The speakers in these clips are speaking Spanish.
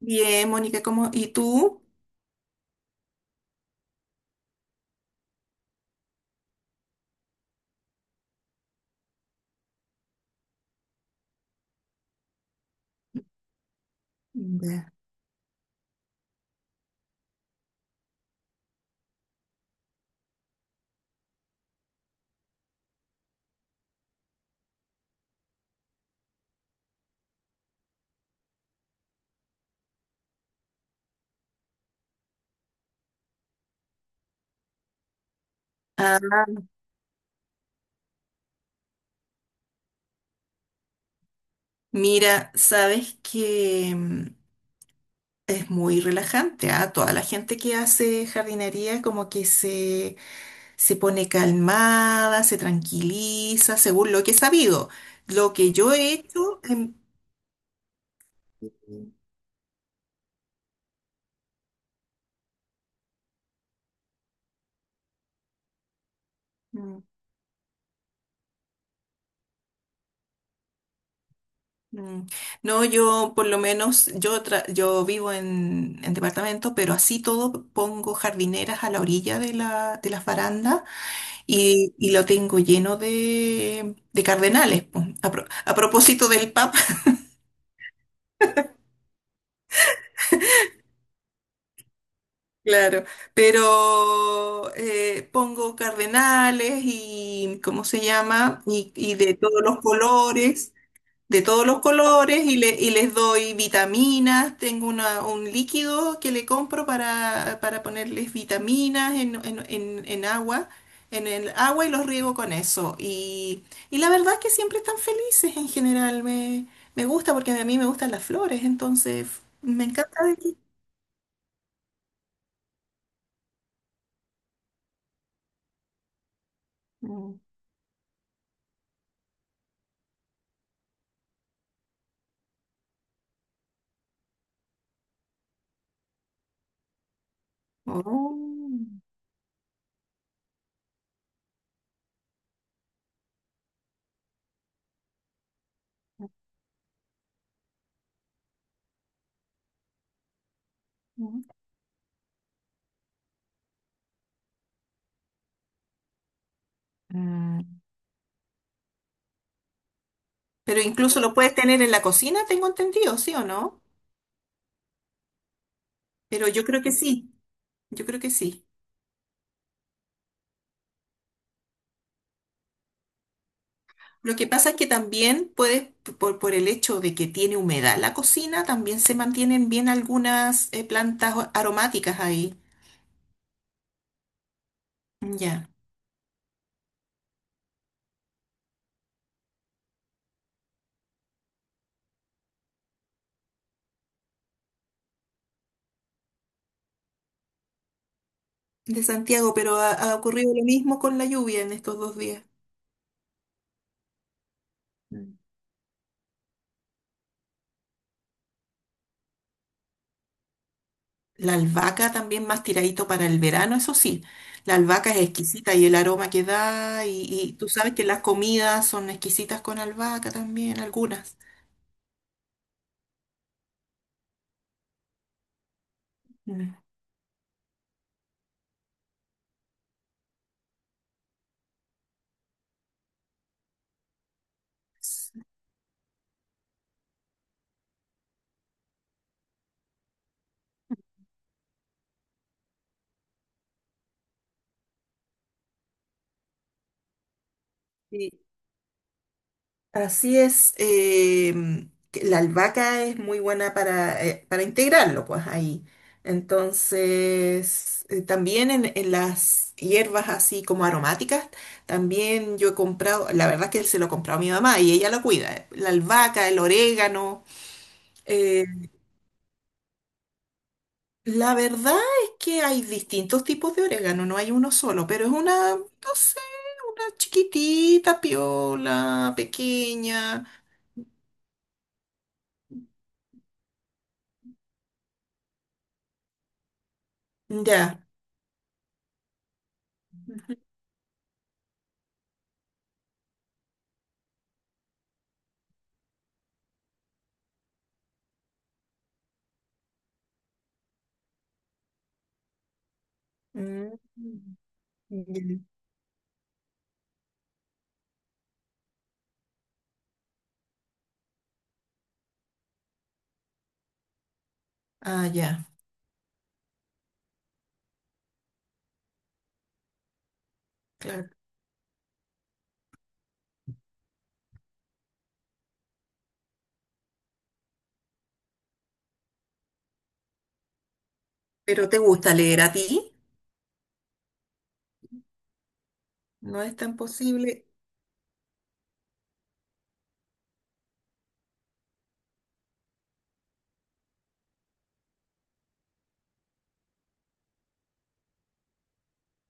Bien, Mónica, ¿cómo? ¿Y tú? Ya. Ah, mira, sabes que es muy relajante, ¿ah? Toda la gente que hace jardinería como que se pone calmada, se tranquiliza, según lo que he sabido. Lo que yo he hecho... em, mm, mm, no, yo por lo menos, yo vivo en departamento, pero así todo pongo jardineras a la orilla de de las barandas. Y lo tengo lleno de cardenales, po. A propósito del Papa, claro, pero pongo cardenales y, ¿cómo se llama? Y de todos los colores. De todos los colores y, y les doy vitaminas. Tengo un líquido que le compro para ponerles vitaminas en agua, en el agua y los riego con eso. Y la verdad es que siempre están felices en general. Me gusta porque a mí me gustan las flores, entonces me encanta de ti. Mm. Oh. Mm. Mm. Pero incluso lo puedes tener en la cocina, tengo entendido, ¿sí o no? Pero yo creo que sí, yo creo que sí. Lo que pasa es que también puede, por el hecho de que tiene humedad la cocina, también se mantienen bien algunas plantas aromáticas ahí. Ya, de Santiago, pero ha ocurrido lo mismo con la lluvia en estos dos días. Mm. La albahaca también más tiradito para el verano, eso sí. La albahaca es exquisita y el aroma que da, y tú sabes que las comidas son exquisitas con albahaca también, algunas. Mm. Sí. Así es, que la albahaca es muy buena para integrarlo, pues ahí. Entonces, también en las hierbas así como aromáticas, también yo he comprado, la verdad es que se lo he comprado a mi mamá y ella lo cuida, la albahaca, el orégano. eh, la verdad es que hay distintos tipos de orégano, no hay uno solo, pero es una, no sé, una chiquitita, piola, pequeña, ya. Mm. Ya. Ah, ya, claro. Pero ¿te gusta leer a ti? No es tan posible,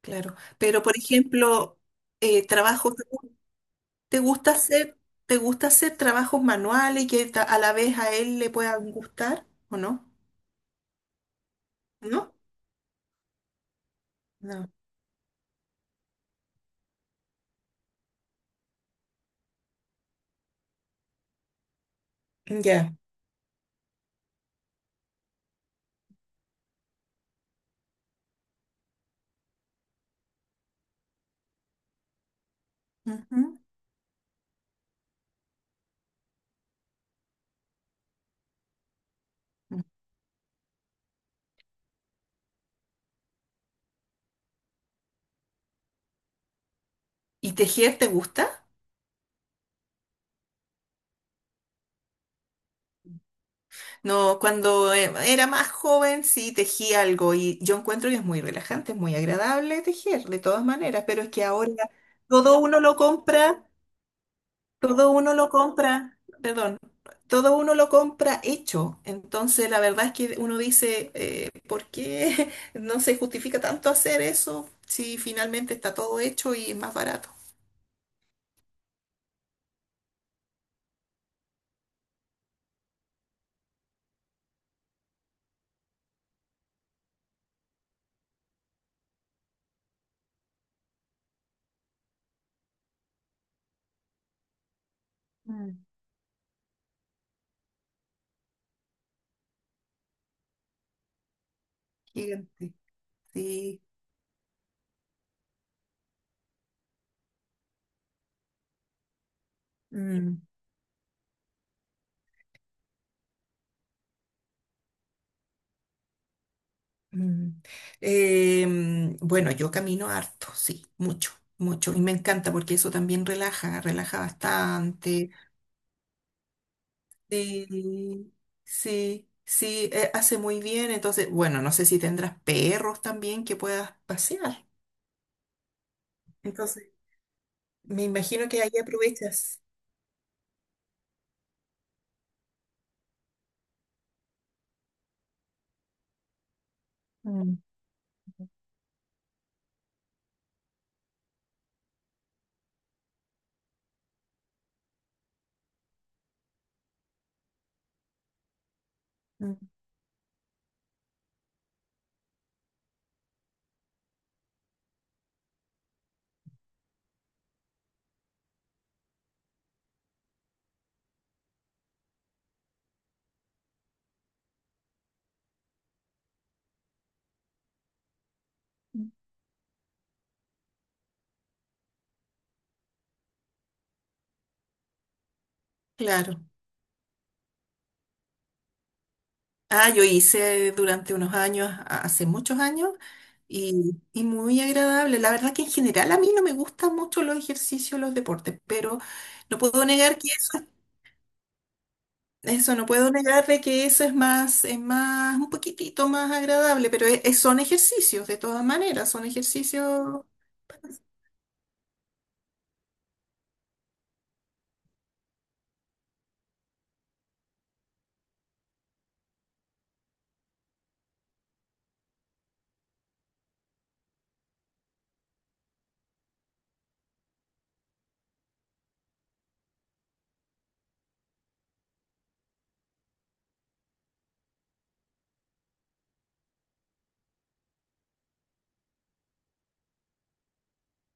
claro. Pero, por ejemplo, eh, trabajos, ¿te gu- ¿te gusta hacer, te gusta hacer trabajos manuales que a la vez a él le puedan gustar o no? ¿No? No. Ya. Ujú. Mm. ¿Y tejer te gusta? No, cuando era más joven sí tejí algo y yo encuentro que es muy relajante, es muy agradable tejer, de todas maneras, pero es que ahora todo uno lo compra. Todo uno lo compra, perdón, todo uno lo compra hecho. Entonces, la verdad es que uno dice, ¿por qué no se justifica tanto hacer eso si finalmente está todo hecho y es más barato? Mm, gigante, sí. Mm, mm. Bueno, yo camino harto, sí, mucho, mucho. Y me encanta porque eso también relaja, relaja bastante. Sí, sí, sí, hace muy bien. Entonces, bueno, no sé si tendrás perros también que puedas pasear. Entonces, me imagino que ahí aprovechas. Mm, mm, claro. Ah, yo hice durante unos años, hace muchos años, y muy agradable. La verdad que en general a mí no me gustan mucho los ejercicios, los deportes, pero no puedo negar. Eso no puedo negar de que eso es más, un poquitito más agradable, pero son ejercicios, de todas maneras, son ejercicios,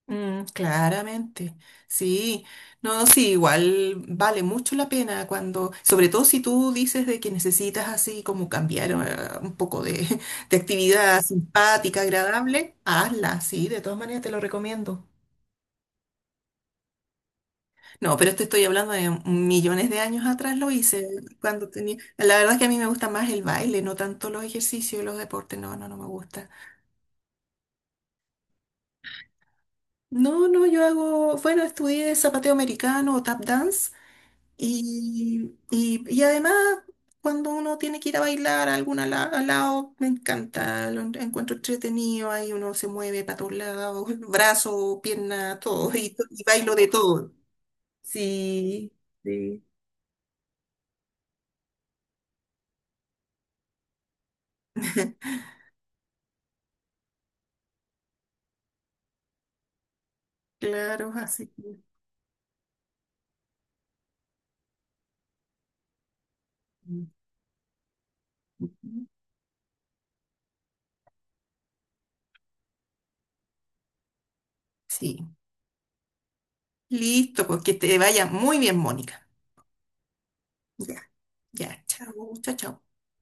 mm, claramente. Sí, no, sí, igual vale mucho la pena cuando, sobre todo si tú dices de que necesitas así como cambiar un poco de, de actividad simpática, agradable, hazla, sí, de todas maneras te lo recomiendo. No, pero te estoy hablando de millones de años atrás lo hice cuando tenía. La verdad es que a mí me gusta más el baile, no tanto los ejercicios, y los deportes. No, no, no me gusta. No, no, yo hago, bueno, estudié zapateo americano o tap dance y además cuando uno tiene que ir a bailar a algún al lado, me encanta, encuentro entretenido, ahí uno se mueve para todos lados, brazo, pierna, todo, y, y bailo de todo. Sí, sí. Claro, así que. Mm. Sí. Listo, pues que te vaya muy bien, Mónica. Ya, ya. Chao, chao, chao.